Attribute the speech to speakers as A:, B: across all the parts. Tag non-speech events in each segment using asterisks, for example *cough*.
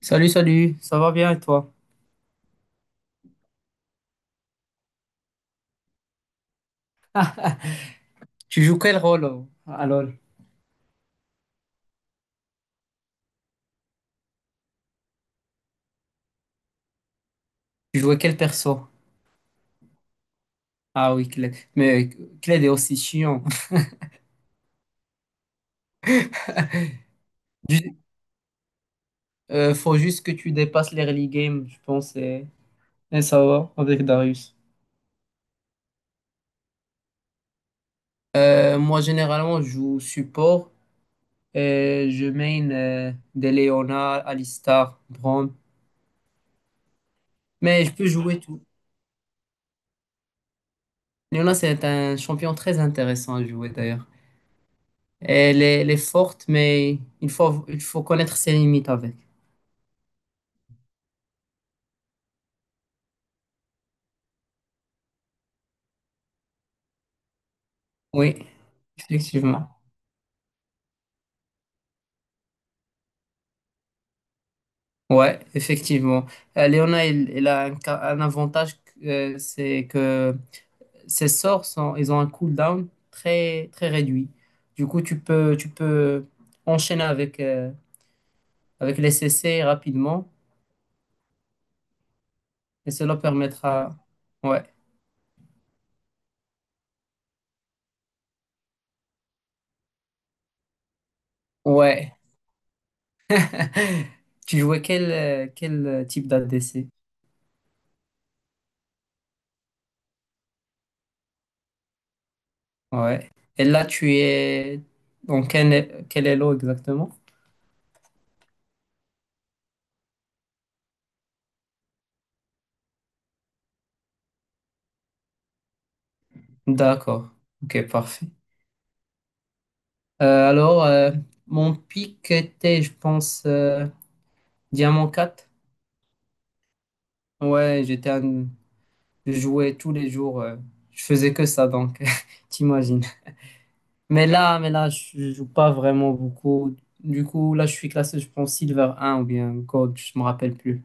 A: Salut, salut, ça va bien et toi? Tu joues quel rôle à LoL? Tu jouais quel perso? Ah oui, Kled. Mais Kled est aussi chiant. *laughs* Du- Faut juste que tu dépasses l'early game, je pense, et ça va avec Darius. Moi, généralement, je joue support et je main des Leona, Alistar, Braum. Mais je peux jouer tout. Leona, c'est un champion très intéressant à jouer d'ailleurs. Elle est forte, mais il faut connaître ses limites avec. Oui, effectivement. Ouais, effectivement. Léona, il a un avantage, c'est que ses sorts sont, ils ont un cooldown très très réduit. Du coup, tu peux enchaîner avec les CC rapidement et cela permettra. Ouais, ouais. *laughs* Tu jouais quel type d'ADC? Ouais. Et là, tu es dans quel elo exactement? D'accord. Ok, parfait. Alors, mon pic était, je pense, Diamant 4. Ouais, je jouais tous les jours. Je faisais que ça, donc, *laughs* t'imagines. Mais là, je joue pas vraiment beaucoup. Du coup, là, je suis classé, je pense, Silver un ou bien Gold, je me rappelle plus.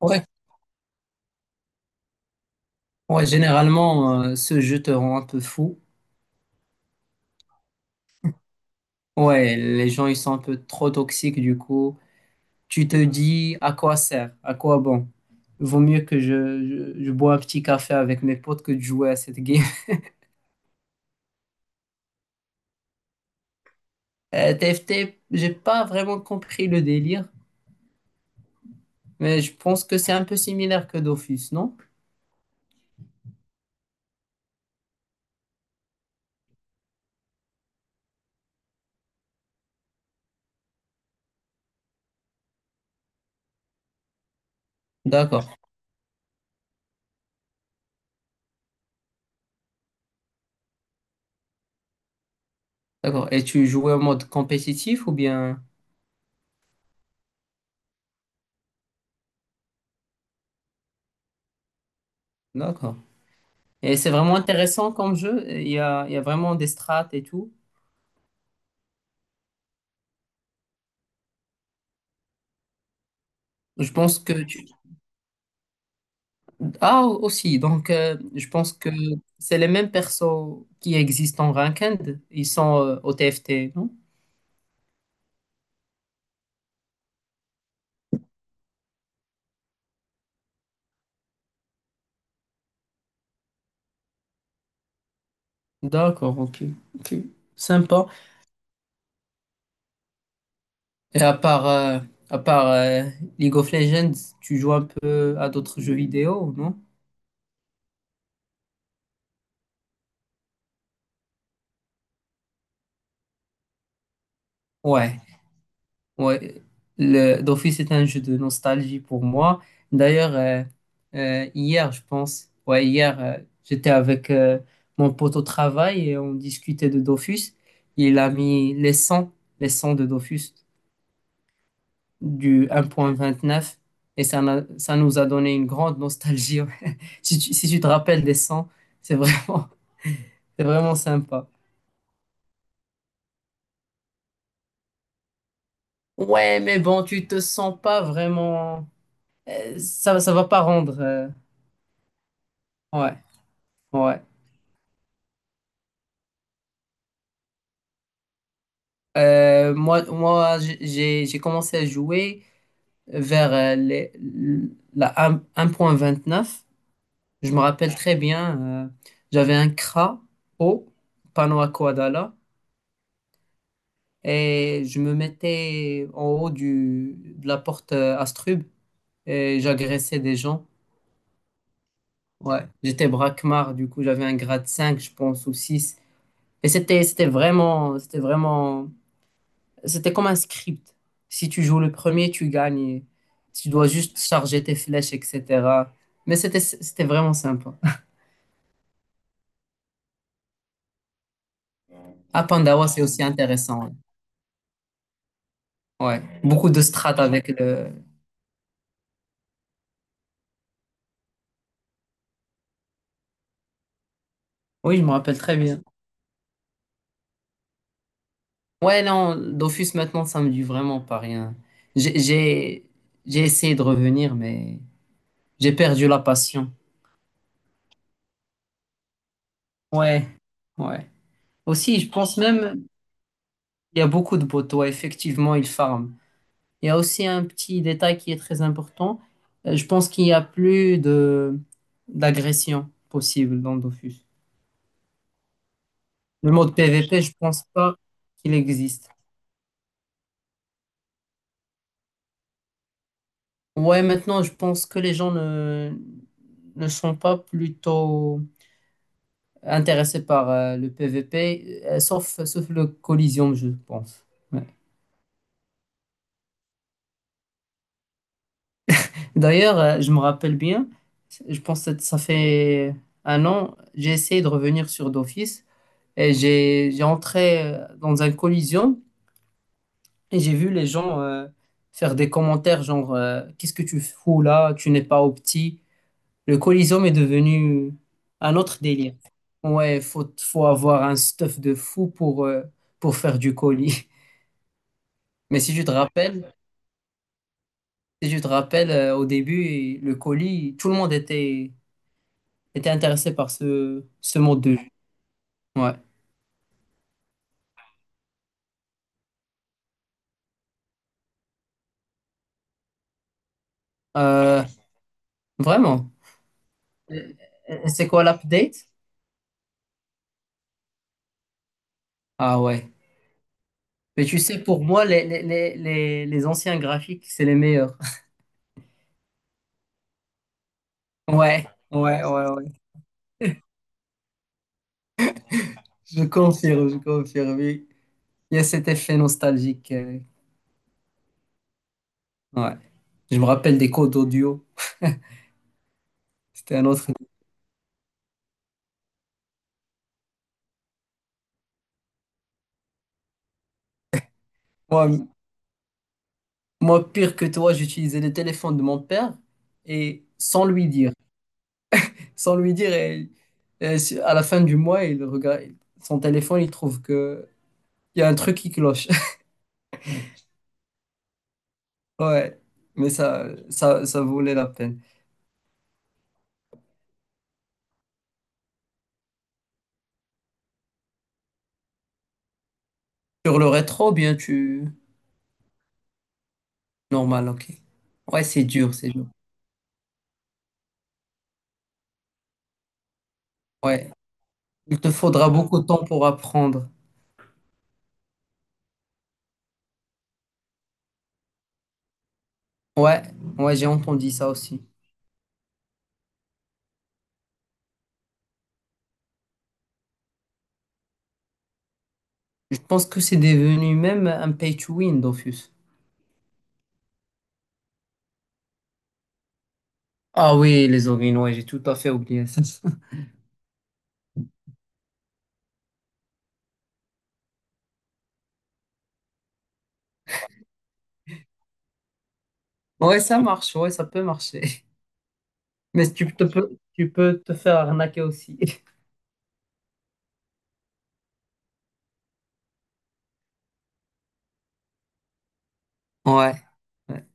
A: Ouais, ouais, généralement, ce jeu te rend un peu fou. Ouais, les gens, ils sont un peu trop toxiques, du coup. Tu te dis à quoi sert, à quoi bon. Vaut mieux que je bois un petit café avec mes potes que de jouer à cette game. *laughs* TFT, j'ai pas vraiment compris le délire, mais je pense que c'est un peu similaire que Dofus, non? D'accord, d'accord. Et tu jouais en mode compétitif ou bien... D'accord. Et c'est vraiment intéressant comme jeu. Il y a vraiment des strates et tout. Je pense que tu... Ah, aussi, donc je pense que c'est les mêmes persos qui existent en ranked. Ils sont au TFT, non? D'accord, ok. Ok. Sympa. Et à part League of Legends, tu joues un peu à d'autres jeux vidéo, non? Ouais. Ouais, d'office est un jeu de nostalgie pour moi. D'ailleurs, hier, je pense, ouais, hier, j'étais avec mon pote au travail et on discutait de Dofus. Il a mis les 100, les 100 de Dofus du 1.29 et ça, n'a- ça nous a donné une grande nostalgie. *laughs* Ouais. Si tu te rappelles des 100, c'est vraiment, *laughs* c'est vraiment sympa. Ouais, mais bon, tu te sens pas vraiment. Ça, ça va pas rendre. Ouais, ouais. Moi, j'ai commencé à jouer vers la 1.29. Je me rappelle très bien, j'avais un Kra haut, panneau à Koadala, et je me mettais en haut de la porte Astrub et j'agressais des gens. Ouais, j'étais braquemar, du coup j'avais un grade cinq, je pense, ou six. Et c'était comme un script. Si tu joues le premier, tu gagnes. Tu dois juste charger tes flèches, etc. Mais c'était vraiment sympa. À Pandawa, c'est aussi intéressant. Ouais. Ouais. Beaucoup de strates avec le. Oui, je me rappelle très bien. Ouais, non, Dofus maintenant, ça me dit vraiment pas rien. J'ai j'ai j'ai essayé de revenir, mais j'ai perdu la passion. Ouais, ouais. Aussi, je pense même il y a beaucoup de poteaux. Effectivement, ils farment. Il y a aussi un petit détail qui est très important. Je pense qu'il n'y a plus de d'agression possible dans Dofus. Le mode PVP, je pense pas qu'il existe. Ouais, maintenant, je pense que les gens ne sont pas plutôt intéressés par le PVP, sauf le Coliseum, je pense. Ouais. D'ailleurs, je me rappelle bien, je pense que ça fait un an, j'ai essayé de revenir sur Dofus. Et j'ai entré dans un collision et j'ai vu les gens faire des commentaires genre qu'est-ce que tu fous là, tu n'es pas au petit. Le collision est devenu un autre délire. Ouais, faut avoir un stuff de fou pour faire du colis. *laughs* Mais si tu te rappelles, si tu te rappelles au début le colis, tout le monde était intéressé par ce mode de jeu. Ouais. Euh, Vraiment. Et- C'est quoi l'update? Ah ouais. Mais tu sais, pour moi, les anciens graphiques, c'est les meilleurs. *laughs* Ouais, ouais, ouais, ouais. Je confirme, je confirme. Oui. Il y a cet effet nostalgique. Ouais. Je me rappelle des codes audio. C'était un autre. Moi, moi, pire que toi, j'utilisais le téléphone de mon père et sans lui dire. Sans lui dire, et à la fin du mois, il regarde son téléphone, il trouve que il y a un truc qui cloche. *laughs* Ouais. Mais ça valait la peine. Sur le rétro, bien, tu. Normal, ok. Ouais, c'est dur, c'est dur. Ouais. Il te faudra beaucoup de temps pour apprendre. Ouais, ouais, j'ai entendu ça aussi. Je pense que c'est devenu même un pay to win, Dofus. Ah oui, les origines, ouais, j'ai tout à fait oublié ça. *laughs* Ouais, ça marche, ouais, ça peut marcher. *laughs* Mais tu peux te faire arnaquer aussi. *laughs* Ouais, ouais.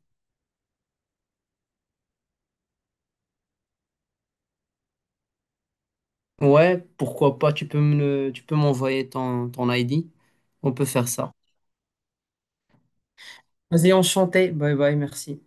A: Ouais, pourquoi pas, tu peux m'envoyer ton ID. On peut faire ça. Vas-y, enchanté. Bye bye, merci.